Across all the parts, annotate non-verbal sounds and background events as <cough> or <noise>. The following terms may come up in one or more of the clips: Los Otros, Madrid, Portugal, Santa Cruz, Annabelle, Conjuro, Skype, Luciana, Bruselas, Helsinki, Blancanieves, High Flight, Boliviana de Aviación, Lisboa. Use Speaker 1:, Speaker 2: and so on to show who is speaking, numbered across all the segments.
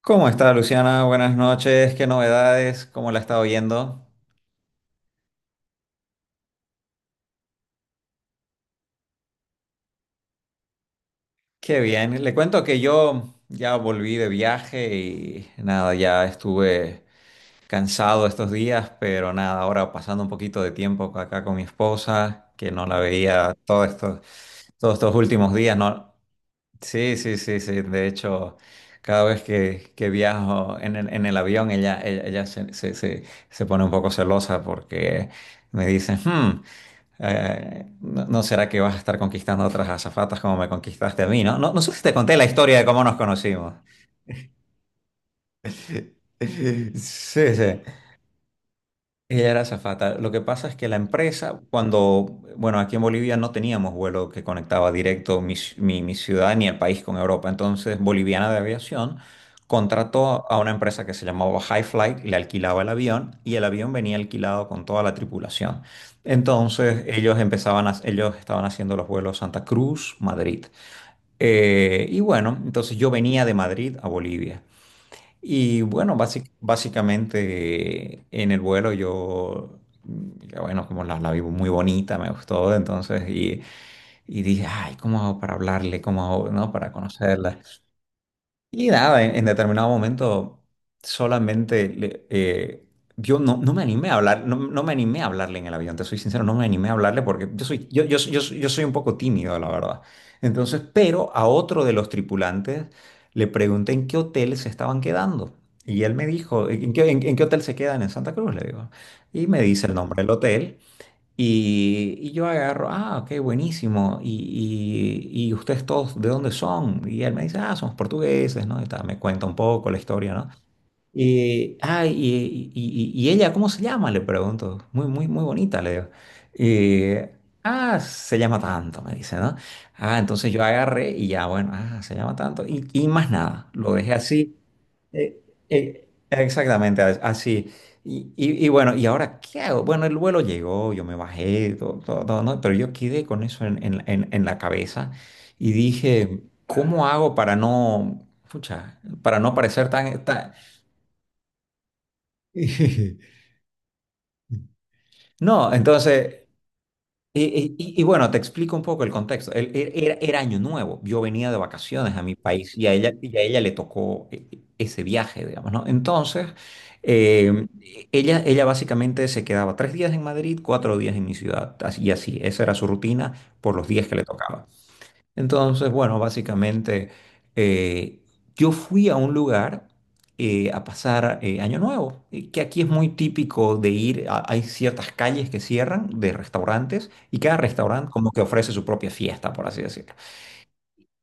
Speaker 1: ¿Cómo está Luciana? Buenas noches. ¿Qué novedades? ¿Cómo la ha estado yendo? Qué bien. Le cuento que yo ya volví de viaje y nada, ya estuve cansado estos días, pero nada, ahora pasando un poquito de tiempo acá con mi esposa, que no la veía todos estos últimos días, ¿no? Sí, sí, sí, sí. De hecho, cada vez que viajo en el avión, ella se pone un poco celosa porque me dice, No será que vas a estar conquistando a otras azafatas como me conquistaste a mí, ¿no? ¿no?" No sé si te conté la historia de cómo nos conocimos. <laughs> Sí, sí. Ella era azafata. Lo que pasa es que la empresa, cuando, bueno, aquí en Bolivia no teníamos vuelo que conectaba directo mi ciudad ni el país con Europa. Entonces, Boliviana de Aviación contrató a una empresa que se llamaba High Flight, le alquilaba el avión y el avión venía alquilado con toda la tripulación. Entonces, ellos estaban haciendo los vuelos Santa Cruz, Madrid. Y bueno, entonces yo venía de Madrid a Bolivia. Y bueno, básicamente en el vuelo yo, ya bueno, como la vi muy bonita, me gustó, entonces, y dije, ay, ¿cómo hago para hablarle? ¿Cómo hago, no? Para conocerla. Y nada, en determinado momento solamente le- eh, yo no me animé a hablar, no me animé a hablarle en el avión, te soy sincero, no me animé a hablarle porque yo soy un poco tímido, la verdad. Entonces, pero a otro de los tripulantes le pregunté en qué hotel se estaban quedando. Y él me dijo, ¿en qué, en qué hotel se quedan en Santa Cruz? Le digo. Y me dice el nombre del hotel. Y yo agarro, ah, ok, buenísimo. Y ustedes todos, ¿de dónde son? Y él me dice, ah, somos portugueses, ¿no? Y tal, me cuenta un poco la historia, ¿no? Y ella, ¿cómo se llama? Le pregunto. Muy, muy, muy bonita, le digo. Y, Se llama tanto, me dice, ¿no? Ah, entonces yo agarré y ya, bueno, ah, se llama tanto. Y más nada, lo dejé así. Eh, Exactamente, así. Y bueno, ¿y ahora qué hago? Bueno, el vuelo llegó, yo me bajé, todo, todo, todo, ¿no? Pero yo quedé con eso en la cabeza y dije, ¿cómo hago para no, pucha, para no parecer tan, tan... <laughs> No, entonces... Y bueno, te explico un poco el contexto. Era año nuevo, yo venía de vacaciones a mi país y a ella le tocó ese viaje, digamos, ¿no? Entonces, eh, ella, ella básicamente se quedaba tres días en Madrid, cuatro días en mi ciudad, así, esa era su rutina por los días que le tocaba. Entonces, bueno, básicamente eh, yo fui a un lugar a pasar Año Nuevo, que aquí es muy típico de ir, hay ciertas calles que cierran de restaurantes y cada restaurante como que ofrece su propia fiesta, por así decirlo.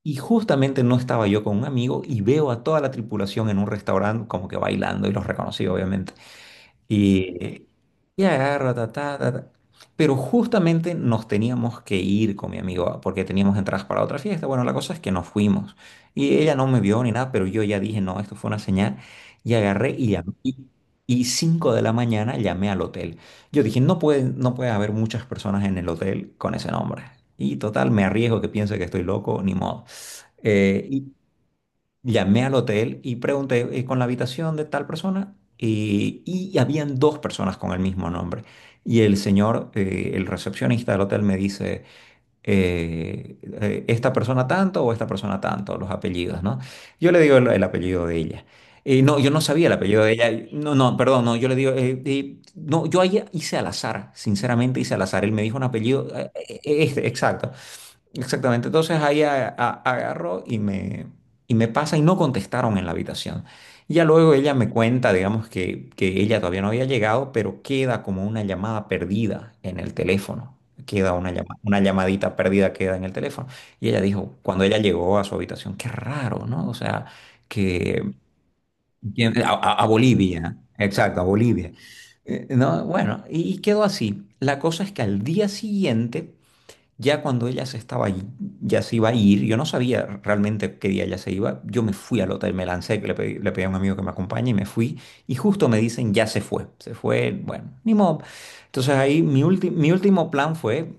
Speaker 1: Y justamente no estaba yo con un amigo y veo a toda la tripulación en un restaurante como que bailando y los reconocí, obviamente. Y, y agarro, ta, ta, ta, ta. Pero justamente nos teníamos que ir con mi amigo porque teníamos entradas para otra fiesta. Bueno, la cosa es que nos fuimos. Y ella no me vio ni nada, pero yo ya dije, no, esto fue una señal. Y agarré y llamé. Y 5:00 de la mañana llamé al hotel. Yo dije, no puede, no puede haber muchas personas en el hotel con ese nombre. Y total, me arriesgo que piense que estoy loco, ni modo. Y llamé al hotel y pregunté con la habitación de tal persona y habían dos personas con el mismo nombre. Y el señor, el recepcionista del hotel me dice, esta persona tanto o esta persona tanto, los apellidos, ¿no? Yo le digo el apellido de ella. No, yo no sabía el apellido de ella. No, no, perdón, no, yo le digo, no, yo ahí hice al azar, sinceramente hice al azar. Él me dijo un apellido, este, exacto. Exactamente. Entonces ahí agarró y me pasa y no contestaron en la habitación. Ya luego ella me cuenta, digamos, que ella todavía no había llegado, pero queda como una llamada perdida en el teléfono. Queda una llamadita perdida queda en el teléfono. Y ella dijo, cuando ella llegó a su habitación, qué raro, ¿no? O sea, que a Bolivia, exacto, a Bolivia. No, bueno, y quedó así. La cosa es que al día siguiente ya cuando ella se estaba, ya se iba a ir, yo no sabía realmente qué día ella se iba, yo me fui al hotel, me lancé, que le pedí a un amigo que me acompañe y me fui, y justo me dicen, ya se fue, bueno, ni modo. Entonces ahí mi último plan fue,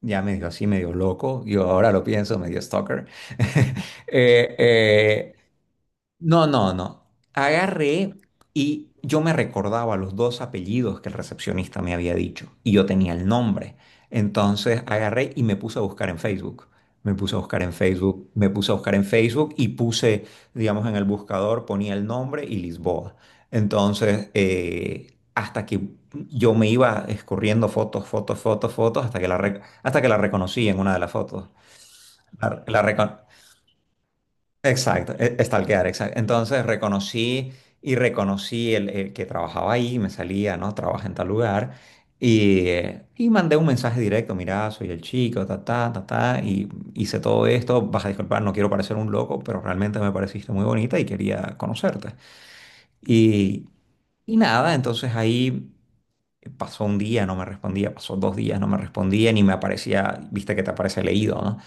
Speaker 1: ya medio así, medio loco, yo ahora lo pienso, medio stalker, <laughs> eh, no. Agarré y yo me recordaba los dos apellidos que el recepcionista me había dicho y yo tenía el nombre. Entonces agarré y me puse a buscar en Facebook. Me puse a buscar en Facebook, me puse a buscar en Facebook y puse, digamos, en el buscador, ponía el nombre y Lisboa. Entonces, hasta que yo me iba escurriendo fotos, fotos, fotos, fotos, hasta que hasta que la reconocí en una de las fotos. La, la, recon- Exacto, stalkear, exacto. Entonces reconocí y reconocí el que trabajaba ahí, me salía, ¿no? Trabaja en tal lugar. Y mandé un mensaje directo, mira, soy el chico, ta, ta, ta, ta, y hice todo esto, vas a disculpar, no quiero parecer un loco, pero realmente me pareciste muy bonita y quería conocerte. Y, y nada, entonces ahí pasó un día, no me respondía, pasó dos días, no me respondía, ni me aparecía, viste que te aparece leído, ¿no?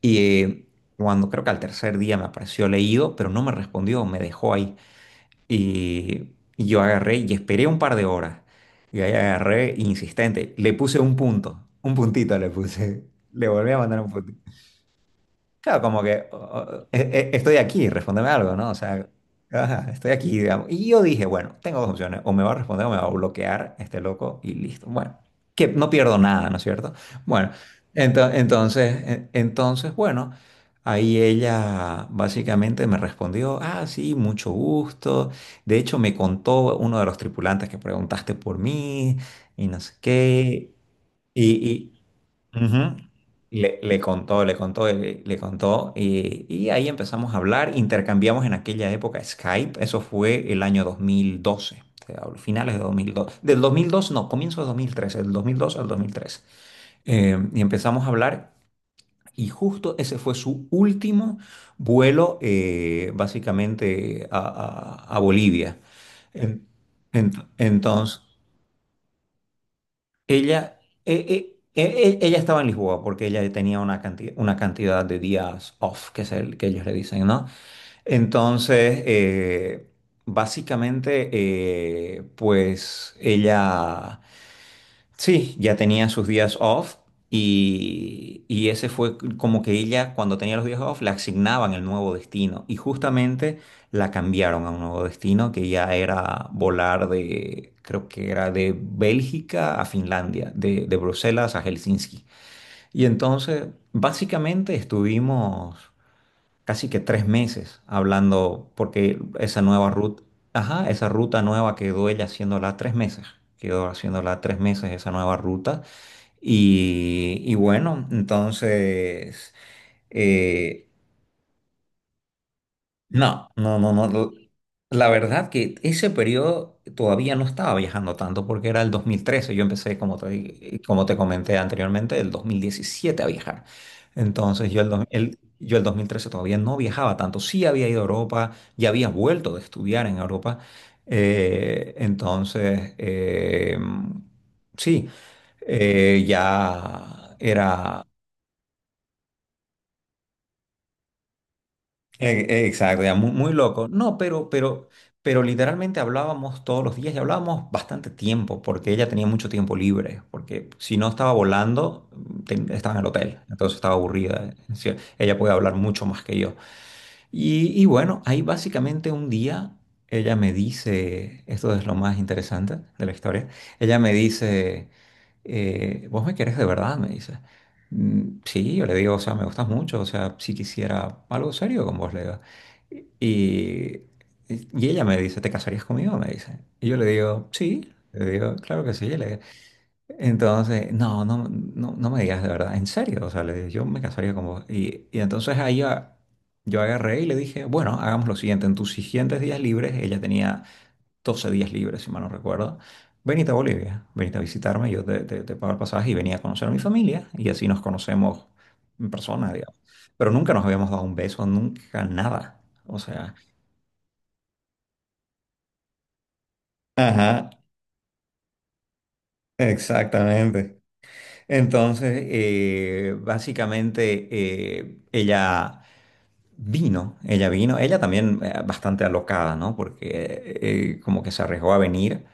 Speaker 1: Y eh, Cuando creo que al tercer día me apareció leído, pero no me respondió, me dejó ahí. Y yo agarré y esperé un par de horas. Y ahí agarré insistente, le puse un punto, un puntito le puse. <laughs> Le volví a mandar un punto. Claro, como que estoy aquí, respóndeme algo, ¿no? O sea, ajá, estoy aquí, digamos. Y yo dije, bueno, tengo dos opciones, o me va a responder o me va a bloquear este loco y listo. Bueno, que no pierdo nada, ¿no es cierto? Bueno, entonces, entonces, bueno, ahí ella básicamente me respondió, ah, sí, mucho gusto. De hecho, me contó uno de los tripulantes que preguntaste por mí y no sé qué. Ujú. Le contó, y ahí empezamos a hablar, intercambiamos en aquella época Skype, eso fue el año 2012, te hablo, finales de dos mil dos no, comienzo de dos mil tres del 2002 al 2003. Y empezamos a hablar, y justo ese fue su último vuelo, básicamente, a Bolivia. En- entonces... Ella, eh, eh, eh, Ella estaba en Lisboa porque ella tenía una cantidad de días off, que es el que ellos le dicen, ¿no? Entonces, básicamente, pues ella... Sí, ya tenía sus días off y ese fue como que ella cuando tenía los días off le asignaban el nuevo destino y justamente la cambiaron a un nuevo destino que ya era volar de, creo que era de Bélgica a Finlandia, de Bruselas a Helsinki. Y entonces básicamente estuvimos casi que tres meses hablando porque esa nueva ruta, ajá, esa ruta nueva quedó ella haciéndola tres meses, quedó haciéndola tres meses esa nueva ruta. Y bueno, entonces, eh, no. no. La verdad que ese periodo todavía no estaba viajando tanto porque era el dos mil trece. Yo empecé, como te, como te comenté anteriormente, el 2017 a viajar. Entonces yo el 2013 todavía no viajaba tanto. Sí había ido a Europa, ya había vuelto de estudiar en Europa. Eh, entonces, eh, sí, ya era. Exacto, ya, muy, muy loco. No, pero literalmente hablábamos todos los días y hablábamos bastante tiempo porque ella tenía mucho tiempo libre, porque si no estaba volando, estaba en el hotel, entonces estaba aburrida. Es decir, ella puede hablar mucho más que yo. Y bueno, ahí básicamente un día ella me dice, esto es lo más interesante de la historia, ella me dice ¿vos me querés de verdad? Me dice. Sí, yo le digo, o sea, me gustas mucho, o sea, si quisiera algo serio con vos, le digo. Y, y ella me dice, ¿te casarías conmigo? Me dice. Y yo le digo, sí, le digo, claro que sí, le digo. Entonces, no, no, no, no me digas de verdad, en serio, o sea, le digo, yo me casaría con vos. Y entonces yo agarré y le dije, bueno, hagamos lo siguiente, en tus siguientes días libres, ella tenía 12 días libres, si mal no recuerdo. Venite a Bolivia, venite a visitarme, yo te pago el pasaje y venía a conocer a mi familia y así nos conocemos en persona, digamos. Pero nunca nos habíamos dado un beso, nunca nada. O sea, ajá, exactamente. Entonces, básicamente, ella vino, ella también bastante alocada, ¿no? Porque como que se arriesgó a venir.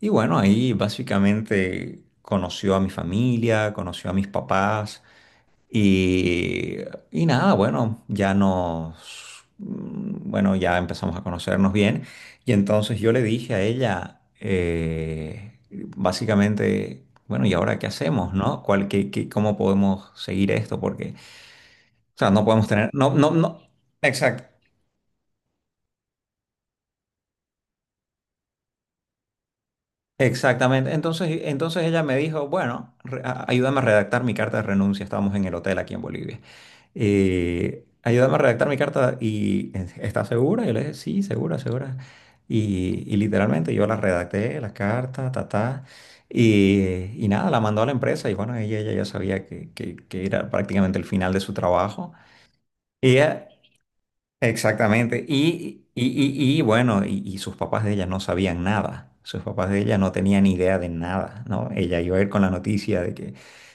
Speaker 1: Y bueno, ahí básicamente conoció a mi familia, conoció a mis papás y, y nada, bueno, bueno, ya empezamos a conocernos bien. Y entonces yo le dije a ella, básicamente, bueno, ¿y ahora qué hacemos, no? ¿ cómo podemos seguir esto? Porque, o sea, no podemos tener, no, no, no, exacto. Exactamente. Entonces ella me dijo, bueno, ayúdame a redactar mi carta de renuncia. Estábamos en el hotel aquí en Bolivia. Ayúdame a redactar mi carta y ¿estás segura? Yo le dije, sí, segura, segura. Y literalmente yo la redacté, la carta, ta, ta, y nada, la mandó a la empresa y bueno, ella ya sabía que era prácticamente el final de su trabajo. Ella, exactamente. Y bueno, y sus papás de ella no sabían nada. Sus papás de ella no tenían idea de nada, ¿no? Ella iba a ir con la noticia de que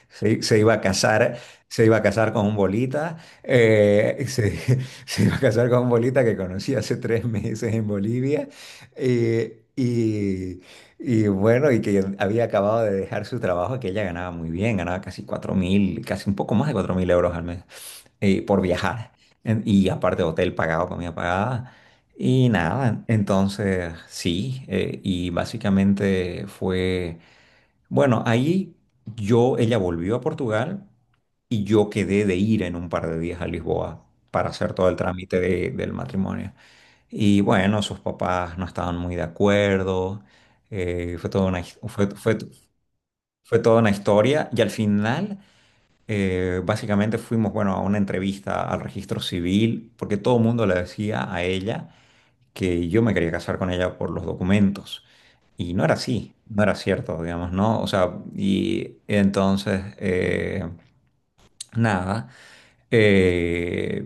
Speaker 1: se iba a casar, se iba a casar con un bolita, eh, se, <laughs> se iba a casar con un bolita que conocí hace 3 meses en Bolivia. eh, y, y bueno, y que había acabado de dejar su trabajo, que ella ganaba muy bien, ganaba casi 4.000, casi un poco más de 4.000 euros al mes por viajar. Y aparte hotel pagado, comida pagada. Y nada, entonces sí, y básicamente bueno, ahí ella volvió a Portugal y yo quedé de ir en un par de días a Lisboa para hacer todo el trámite del matrimonio. Y bueno, sus papás no estaban muy de acuerdo, fue toda una, fue fue toda una historia y al final... básicamente fuimos, bueno, a una entrevista al registro civil, porque todo el mundo le decía a ella que yo me quería casar con ella por los documentos. Y no era así, no era cierto, digamos, ¿no? O sea, y entonces nada. Eh,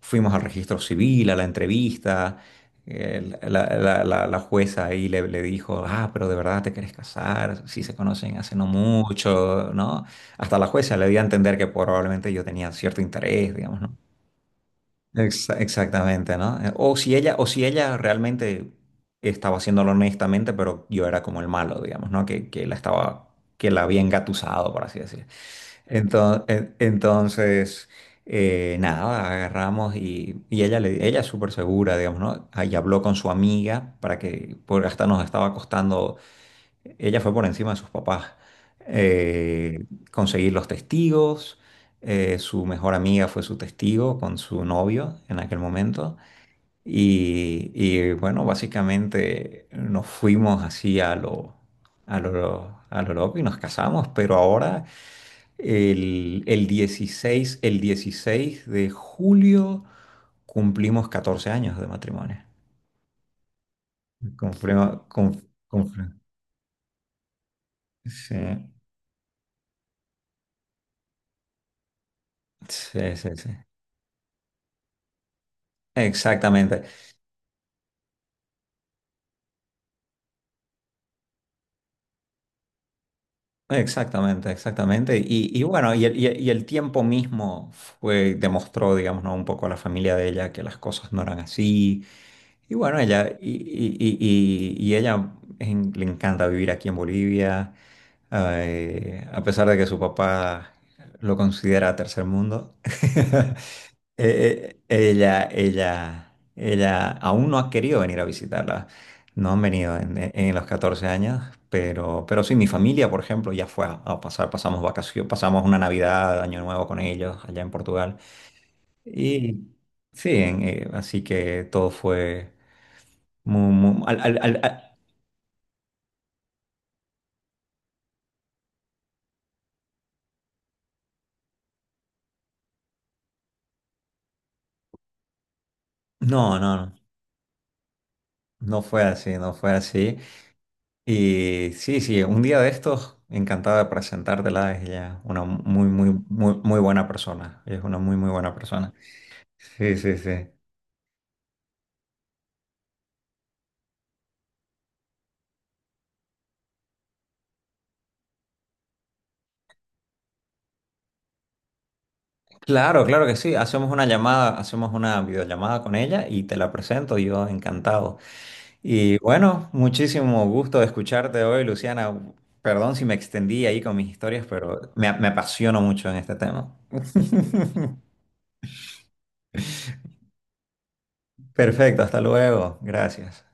Speaker 1: fuimos al registro civil, a la entrevista. La jueza ahí le dijo, ah, pero de verdad te querés casar, si se conocen hace no mucho, ¿no? Hasta la jueza le dio a entender que probablemente yo tenía cierto interés, digamos, ¿no? Exactamente, ¿no? O si ella realmente estaba haciéndolo honestamente, pero yo era como el malo, digamos, ¿no? Que la estaba, que la había engatusado, por así decirlo. Entonces, nada, agarramos y ella es súper segura, digamos, ¿no? Ahí habló con su amiga para que, porque hasta nos estaba costando, ella fue por encima de sus papás, conseguir los testigos, su mejor amiga fue su testigo con su novio en aquel momento, y bueno, básicamente nos fuimos así a lo loco y nos casamos, pero ahora... el 16 el 16 de julio cumplimos 14 años de matrimonio. Confirma cum- cum- sí, sí, sí, sí. Exactamente, exactamente, exactamente. Y bueno, y el tiempo mismo demostró, digamos, ¿no? un poco a la familia de ella que las cosas no eran así. Y bueno, ella, y ella le encanta vivir aquí en Bolivia. Ay, a pesar de que su papá lo considera tercer mundo, <laughs> ella aún no ha querido venir a visitarla. No han venido en los 14 años, pero sí, mi familia, por ejemplo, ya fue a pasar, pasamos vacaciones, pasamos una Navidad, Año Nuevo con ellos allá en Portugal. Y sí, así que todo fue muy, muy- al- al- al- al- no, no, no, no fue así, no fue así. Y sí, sí, un día de estos, encantado de presentártela. Es ella una muy buena persona. Ella es una muy, muy buena persona. Sí, sí, sí. Claro, claro que sí. Hacemos una llamada, hacemos una videollamada con ella y te la presento. Yo encantado. Y bueno, muchísimo gusto de escucharte hoy, Luciana. Perdón si me extendí ahí con mis historias, pero me apasiono mucho en este tema. Perfecto, hasta luego. Gracias.